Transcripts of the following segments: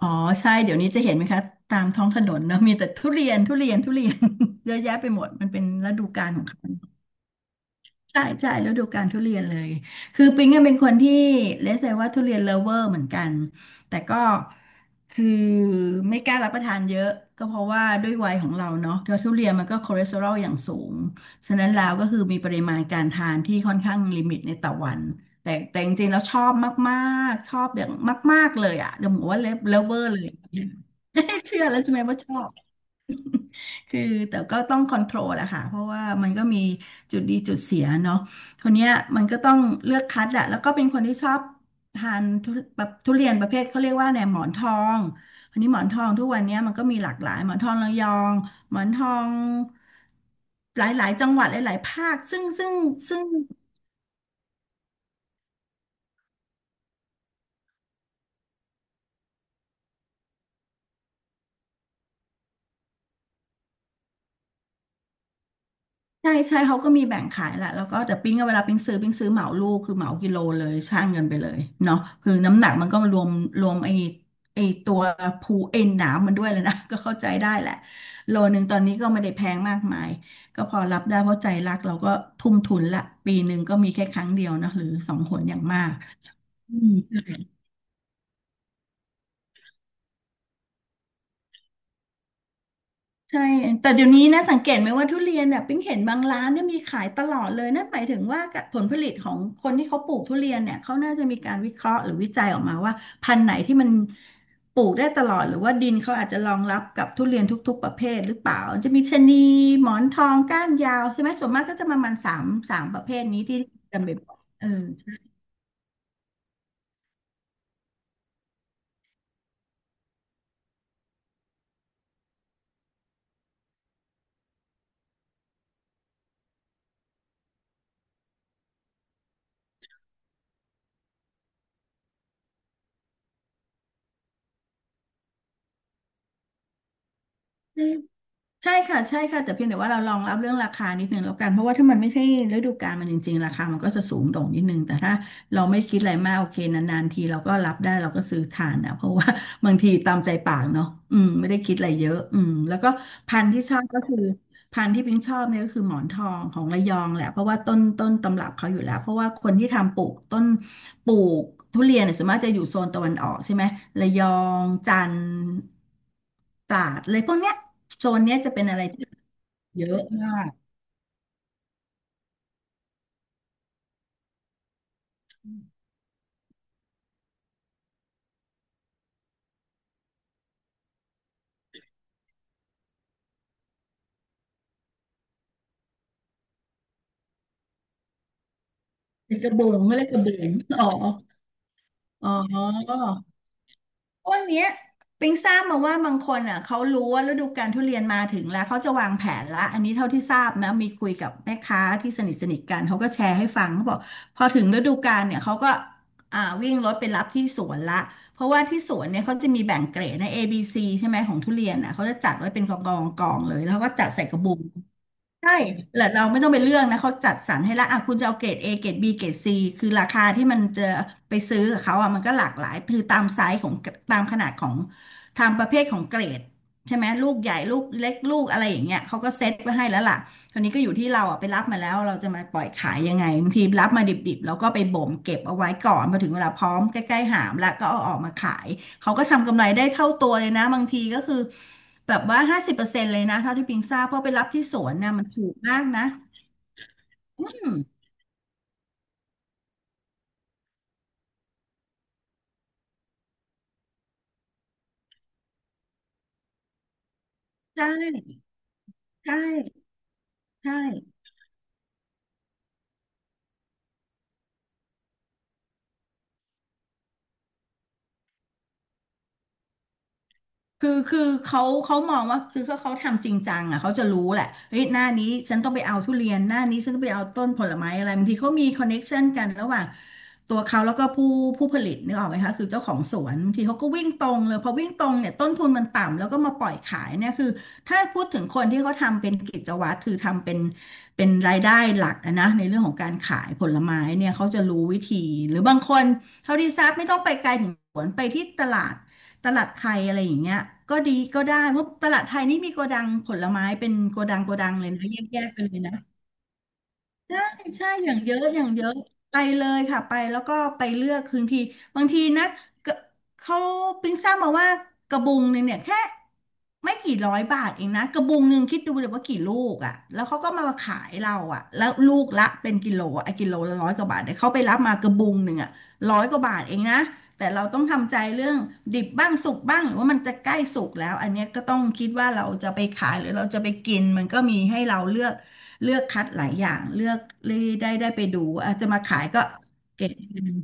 อ๋อใช่เดี๋ยวนี้จะเห็นไหมคะตามท้องถนนเนอะมีแต่ทุเรียนทุเรียนทุเรียน เยอะแยะไปหมดมันเป็นฤดูกาลของเขา ใช่ใช่ฤดูกาลทุเรียนเลยคือปิ๊งเนี่ยเป็นคนที่เลสเซว่าทุเรียนเลิฟเวอร์เหมือนกันแต่ก็คือไม่กล้ารับประทานเยอะก็เพราะว่าด้วยวัยของเราเนาะแล้วทุเรียนมันก็คอเลสเตอรอลอย่างสูงฉะนั้นแล้วก็คือมีปริมาณการทานที่ค่อนข้างลิมิตในต่อวันแต่จริงๆแล้วชอบมากๆชอบอย่างมากๆเลยอ่ะเดี๋ยวบอกว่าเลิฟเวอร์เลย เชื่อแล้วใช่ไหมว่าชอบ คือแต่ก็ต้องคอนโทรลอะค่ะเพราะว่ามันก็มีจุดดีจุดเสียเนาะคนเนี้ยมันก็ต้องเลือกคัดแหละแล้วก็เป็นคนที่ชอบทานทุแบบทุเรียนประเภทเขาเรียกว่าแีนยหมอนทองอันนี้หมอนทองทุกวันเนี้ยมันก็มีหลากหลายหมอนทองระยองหมอนทองหลายๆจังหวัดหลายๆภาคซึ่ง ใช่ใช่เขาก็มีแบ่งขายแหละแล้วก็แต่ปิ้งอะเวลาปิ้งซื้อเหมาลูกคือเหมากิโลเลยช่างเงินไปเลยเนาะคือน้ำหนักมันก็รวมไอ้ตัวภูเอ็นหนามมันด้วยเลยนะ ก็เข้าใจได้แหละโลนึงตอนนี้ก็ไม่ได้แพงมากมายก็พอรับได้เพราะใจรักเราก็ทุ่มทุนละปีหนึ่งก็มีแค่ครั้งเดียวนะหรือสองหนอย่างมากอืม ใช่ แต่เดี๋ยวนี้นะสังเกตไหมว่าทุเรียนเนี่ยปิ๊งเห็นบางร้านเนี่ยมีขายตลอดเลยนั่นหมายถึงว่าผลผลิตของคนที่เขาปลูกทุเรียนเนี่ยเขาน่าจะมีการวิเคราะห์หรือวิจัยออกมาว่าพันธุ์ไหนที่มันปลูกได้ตลอดหรือว่าดินเขาอาจจะรองรับกับทุเรียนทุกๆประเภทหรือเปล่าจะมีชะนีหมอนทองก้านยาวใช่ไหมส่วนมากก็จะประมาณสามประเภทนี้ที่จำเป็นบ่อยเออ ใช่ค่ะใช่ค่ะแต่เพียงแต่ว่าเราลองรับเรื่องราคานิดนึงแล้วกันเพราะว่าถ้ามันไม่ใช่ฤดูกาลมันจริงๆราคามันก็จะสูงโด่งนิดนึงแต่ถ้าเราไม่คิดอะไรมากโอเคนานๆทีเราก็รับได้เราก็ซื้อทานนะเพราะว่า บางทีตามใจปากเนาะอืมไม่ได้คิดอะไรเยอะอืมแล้วก็พันธุ์ที่ชอบก็คือพันธุ์ที่พิงชอบเนี่ยก็คือหมอนทองของระยองแหละเพราะว่าต้นตำรับเขาอยู่แล้วเพราะว่าคนที่ทำปลูกต้น ปลูกทุเรียนเนี่ยส่วนมากจะอยู่โซนตะวันออกใช่ไหมระยองจันทร์ตราดเลยพวกเนี้ยโซนเนี้ยจะเป็นอะไรที่เยอะมากเป็นกระบุงก็เลยกระบุงอ๋ออ๋อ วันเนี้ยปิงทราบมาว่าบางคนอ่ะเขารู้ว่าฤดูกาลทุเรียนมาถึงแล้วเขาจะวางแผนละอันนี้เท่าที่ทราบนะมีคุยกับแม่ค้าที่สนิทสนิทกันเขาก็แชร์ให้ฟังเขาบอกพอถึงฤดูกาลเนี่ยเขาก็อ่าวิ่งรถไปรับที่สวนละเพราะว่าที่สวนเนี่ยเขาจะมีแบ่งเกรดนะ A ซีใช่ไหมของทุเรียนอ่ะเขาจะจัดไว้เป็นกองเลยแล้วเขาก็จัดใส่กระบุง ใช่แล้วเราไม่ต้องไปเรื่องนะเขาจัดสรรให้ละอ่ะคุณจะเอาเกรด A เกรด B เกรด C คือราคาที่มันจะไปซื้อกับเขาอ่ะมันก็หลากหลายคือตามไซส์ของตามขนาดของตามประเภทของเกรดใช่ไหมลูกใหญ่ลูกเล็กลูกอะไรอย่างเงี้ยเขาก็เซ็ตไว้ให้แล้วล่ะ คราวนี้ก็อยู่ที่เราอ่ะไปรับมาแล้วเราจะมาปล่อยขายยังไงบางทีรับมาดิบๆแล้วก็ไปบ่มเก็บเอาไว้ก่อนพอถึงเวลาพร้อมใกล้ๆหามแล้วก็เอาออกมาขายเขาก็ทำกำไรได้เท่าตัวเลยนะบางทีก็คือแบบว่า50%เลยนะเท่าที่ปิงทราบเพราะไปรับที่สวนนะมันถูกมากนะ อืมใช่ใช่ใช่ คือเขามองว่าคือเ้าเขาทำจริงจังอ่ะเขาจะรู้แหละเฮ้ยหน้านี้ฉันต้องไปเอาทุเรียนหน้านี้ฉันต้องไปเอาต้นผลไม้อะไรบางทีเขามีคอนเน็กชันกันระหว่างตัวเขาแล้วก็ผู้ผลิตนึกออกไหมคะคือเจ้าของสวนบางทีเขาก็วิ่งตรงเลยพอวิ่งตรงเนี่ยต้นทุนมันต่ำแล้วก็มาปล่อยขายเนี่ยคือถ้าพูดถึงคนที่เขาทำเป็นกิจวัตรคือทำเป็นรายได้หลักอะนะในเรื่องของการขายผลไม้เนี่ยเขาจะรู้วิธีหรือบางคน เท่าที่ทราบไม่ต้องไปไกลถึงสวนไปที่ตลาดตลาดไทยอะไรอย่างเงี้ยก็ดีก็ได้เพราะตลาดไทยนี่มีโกดังผลไม้เป็นโกดังโกดังเลยนะแยกๆกันเลยนะ ใช่ใช่อย่างเยอะอย่างเยอะไปเลยค่ะไปแล้วก็ไปเลือกคืนทีบางทีนะกเขาปิ้งทราบมาว่ากระบุงหนึ่งเนี่ยแค่ไม่กี่ร้อยบาทเองนะกระบุงหนึ่งคิดดูเลยว่ากี่ลูกอ่ะแล้วเขาก็มาขายเราอ่ะแล้วลูกละเป็นกิโลอะกิโลละร้อยกว่าบาทแต่เขาไปรับมากระบุงหนึ่งอ่ะร้อยกว่าบาทเองนะแต่เราต้องทำใจเรื่องดิบบ้างสุกบ้างหรือว่ามันจะใกล้สุกแล้วอันเนี้ยก็ต้องคิดว่าเราจะไปขายหรือเราจะไปกินมันก็มีให้เราเลือก เลือกคัดหลายอย่างเลือกเลยได้ไปดูอาจจะมาขายก็เก็บเงิน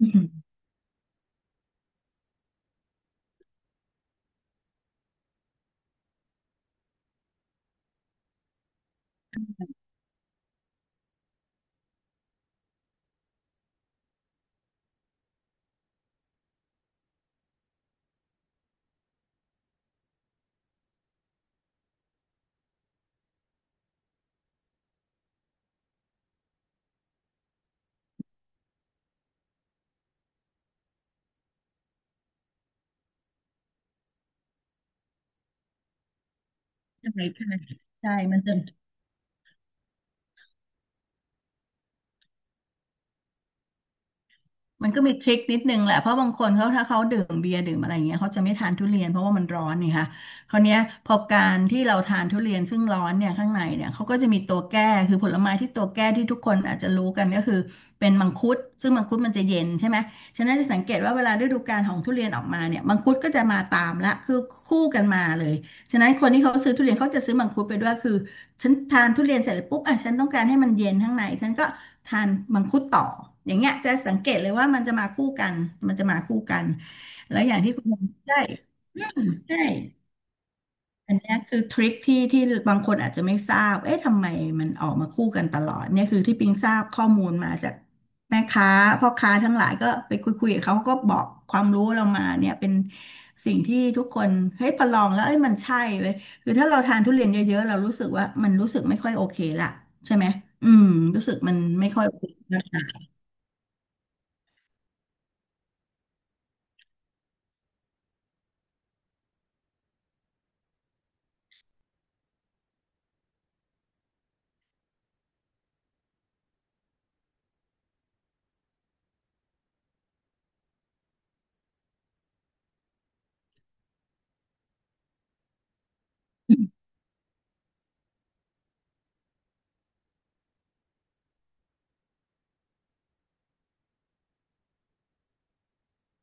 อืมใช่ใช่ใช่มันจะ มันก็มีทริคนิดนึงแหละเพราะบางคนเขาถ้าเขาดื่มเบียร์ดื่มอะไรอย่างเงี้ยเขาจะไม่ทานทุเรียนเพราะว่ามันร้อนนี่ค่ะคราวเนี้ยพอการที่เราทานทุเรียนซึ่งร้อนเนี่ยข้างในเนี่ยเขาก็จะมีตัวแก้คือผลไม้ที่ตัวแก้ที่ทุกคนอาจจะรู้กันก็คือเป็นมังคุดซึ่งมังคุดมันจะเย็นใช่ไหมฉะนั้นจะสังเกตว่าเวลาฤดูกาลของทุเรียนออกมาเนี่ยมังคุดก็จะมาตามละคือคู่กันมาเลยฉะนั้นคนที่เขาซื้อทุเรียนเขาจะซื้อมังคุดไปด้วยคือฉันทานทุเรียนเสร็จแล้วปุ๊บอ่ะฉันต้องการให้มันเย็นข้างในฉันก็ ทานมังคุดต่ออย่างเงี้ยจะสังเกตเลยว่ามันจะมาคู่กันมันจะมาคู่กันแล้วอย่างที่คุณหมอใด้อืมใช่อันเนี้ยคือทริคที่ที่บางคนอาจจะไม่ทราบเอ๊ะทำไมมันออกมาคู่กันตลอดเนี่ยคือที่ปิงทราบข้อมูลมาจากแม่ค้าพ่อค้าทั้งหลายก็ไปคุยกับเขาก็บอกความรู้เรามาเนี่ยเป็นสิ่งที่ทุกคนเฮ้ยพอลองแล้วเอ้ยมันใช่เลยคือถ้าเราทานทุเรียนเยอะๆเรารู้สึกว่ามันรู้สึกไม่ค่อยโอเคละใช่ไหมอืมรู้สึกมันไม่ค่อยโอเค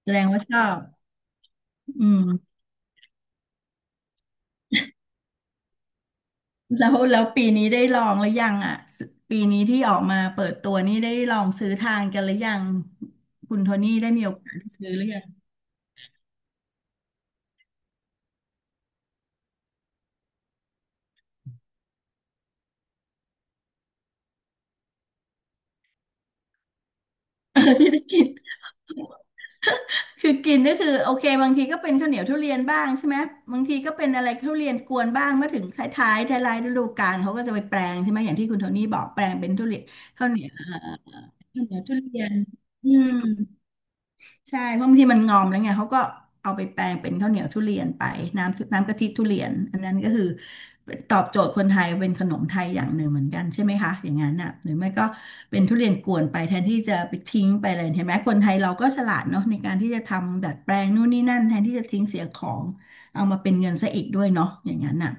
แสดงว่าชอบอืมแล้วปีนี้ได้ลองหรือยังอ่ะปีนี้ที่ออกมาเปิดตัวนี่ได้ลองซื้อทานกันหรือยังคุณโทนี่ได้มีโอกาสได้ซื้อหรือยังเออ ที่ได้กินคือกินก็คือโอเคบางทีก็เป็นข้าวเหนียวทุเรียนบ้างใช่ไหมบางทีก็เป็นอะไรทุเรียนกวนบ้างเมื่อถึงท้ายๆท้ายๆฤดูกาลเขาก็จะไปแปลงใช่ไหมอย่างที่คุณโทนี่บอกแปลงเป็นทุเรียนข้าวเหนียวเข้าวเหนียวทุเรียนอืม ใช่เพราะบางทีมันงอมแล้วไงเขาก็เอาไปแปลงเป็นข้าวเหนียวทุเรียนไปน้ำกะทิทุเรียนอันนั้นก็คือตอบโจทย์คนไทยเป็นขนมไทยอย่างหนึ่งเหมือนกันใช่ไหมคะอย่างนั้นน่ะหรือไม่ก็เป็นทุเรียนกวนไปแทนที่จะไปทิ้งไปเลยเห็นไหมคนไทยเราก็ฉลาดเนาะในการที่จะทำดัดแปลงนู่นนี่นั่นแทนที่จะทิ้งเสียของเอามาเป็นเงินซะอีกด้วยเนาะอย่างนั้นน่ะ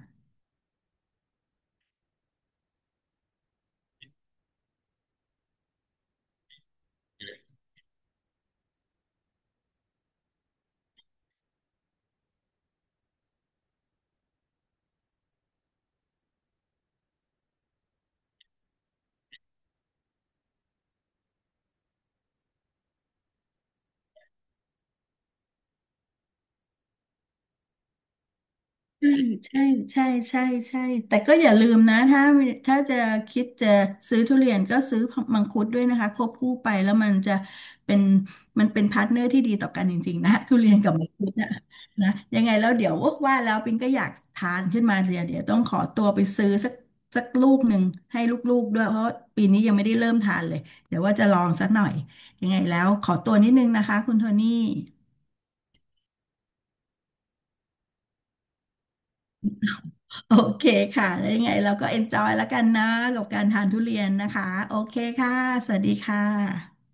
ใช่ใช่ใช่ใช่แต่ก็อย่าลืมนะถ้าถ้าจะคิดจะซื้อทุเรียนก็ซื้อมังคุดด้วยนะคะควบคู่ไปแล้วมันจะเป็นมันเป็นพาร์ทเนอร์ที่ดีต่อกันจริงๆนะ ทุเรียนกับมังคุดนะนะยังไงแล้วเดี๋ยวว่าแล้วปิงก็อยากทานขึ้นมาเดี๋ยวเดี๋ยวต้องขอตัวไปซื้อสักสักลูกหนึ่งให้ลูกๆด้วยเพราะปีนี้ยังไม่ได้เริ่มทานเลยเดี๋ยวว่าจะลองสักหน่อยยังไงแล้วขอตัวนิดนึงนะคะคุณโทนี่ โอเคค่ะแล้วยังไงเราก็เอนจอยแล้วกันนะกับการทานทุเรียนนะคะ โอเคค่ะ สวัสดีค่ะ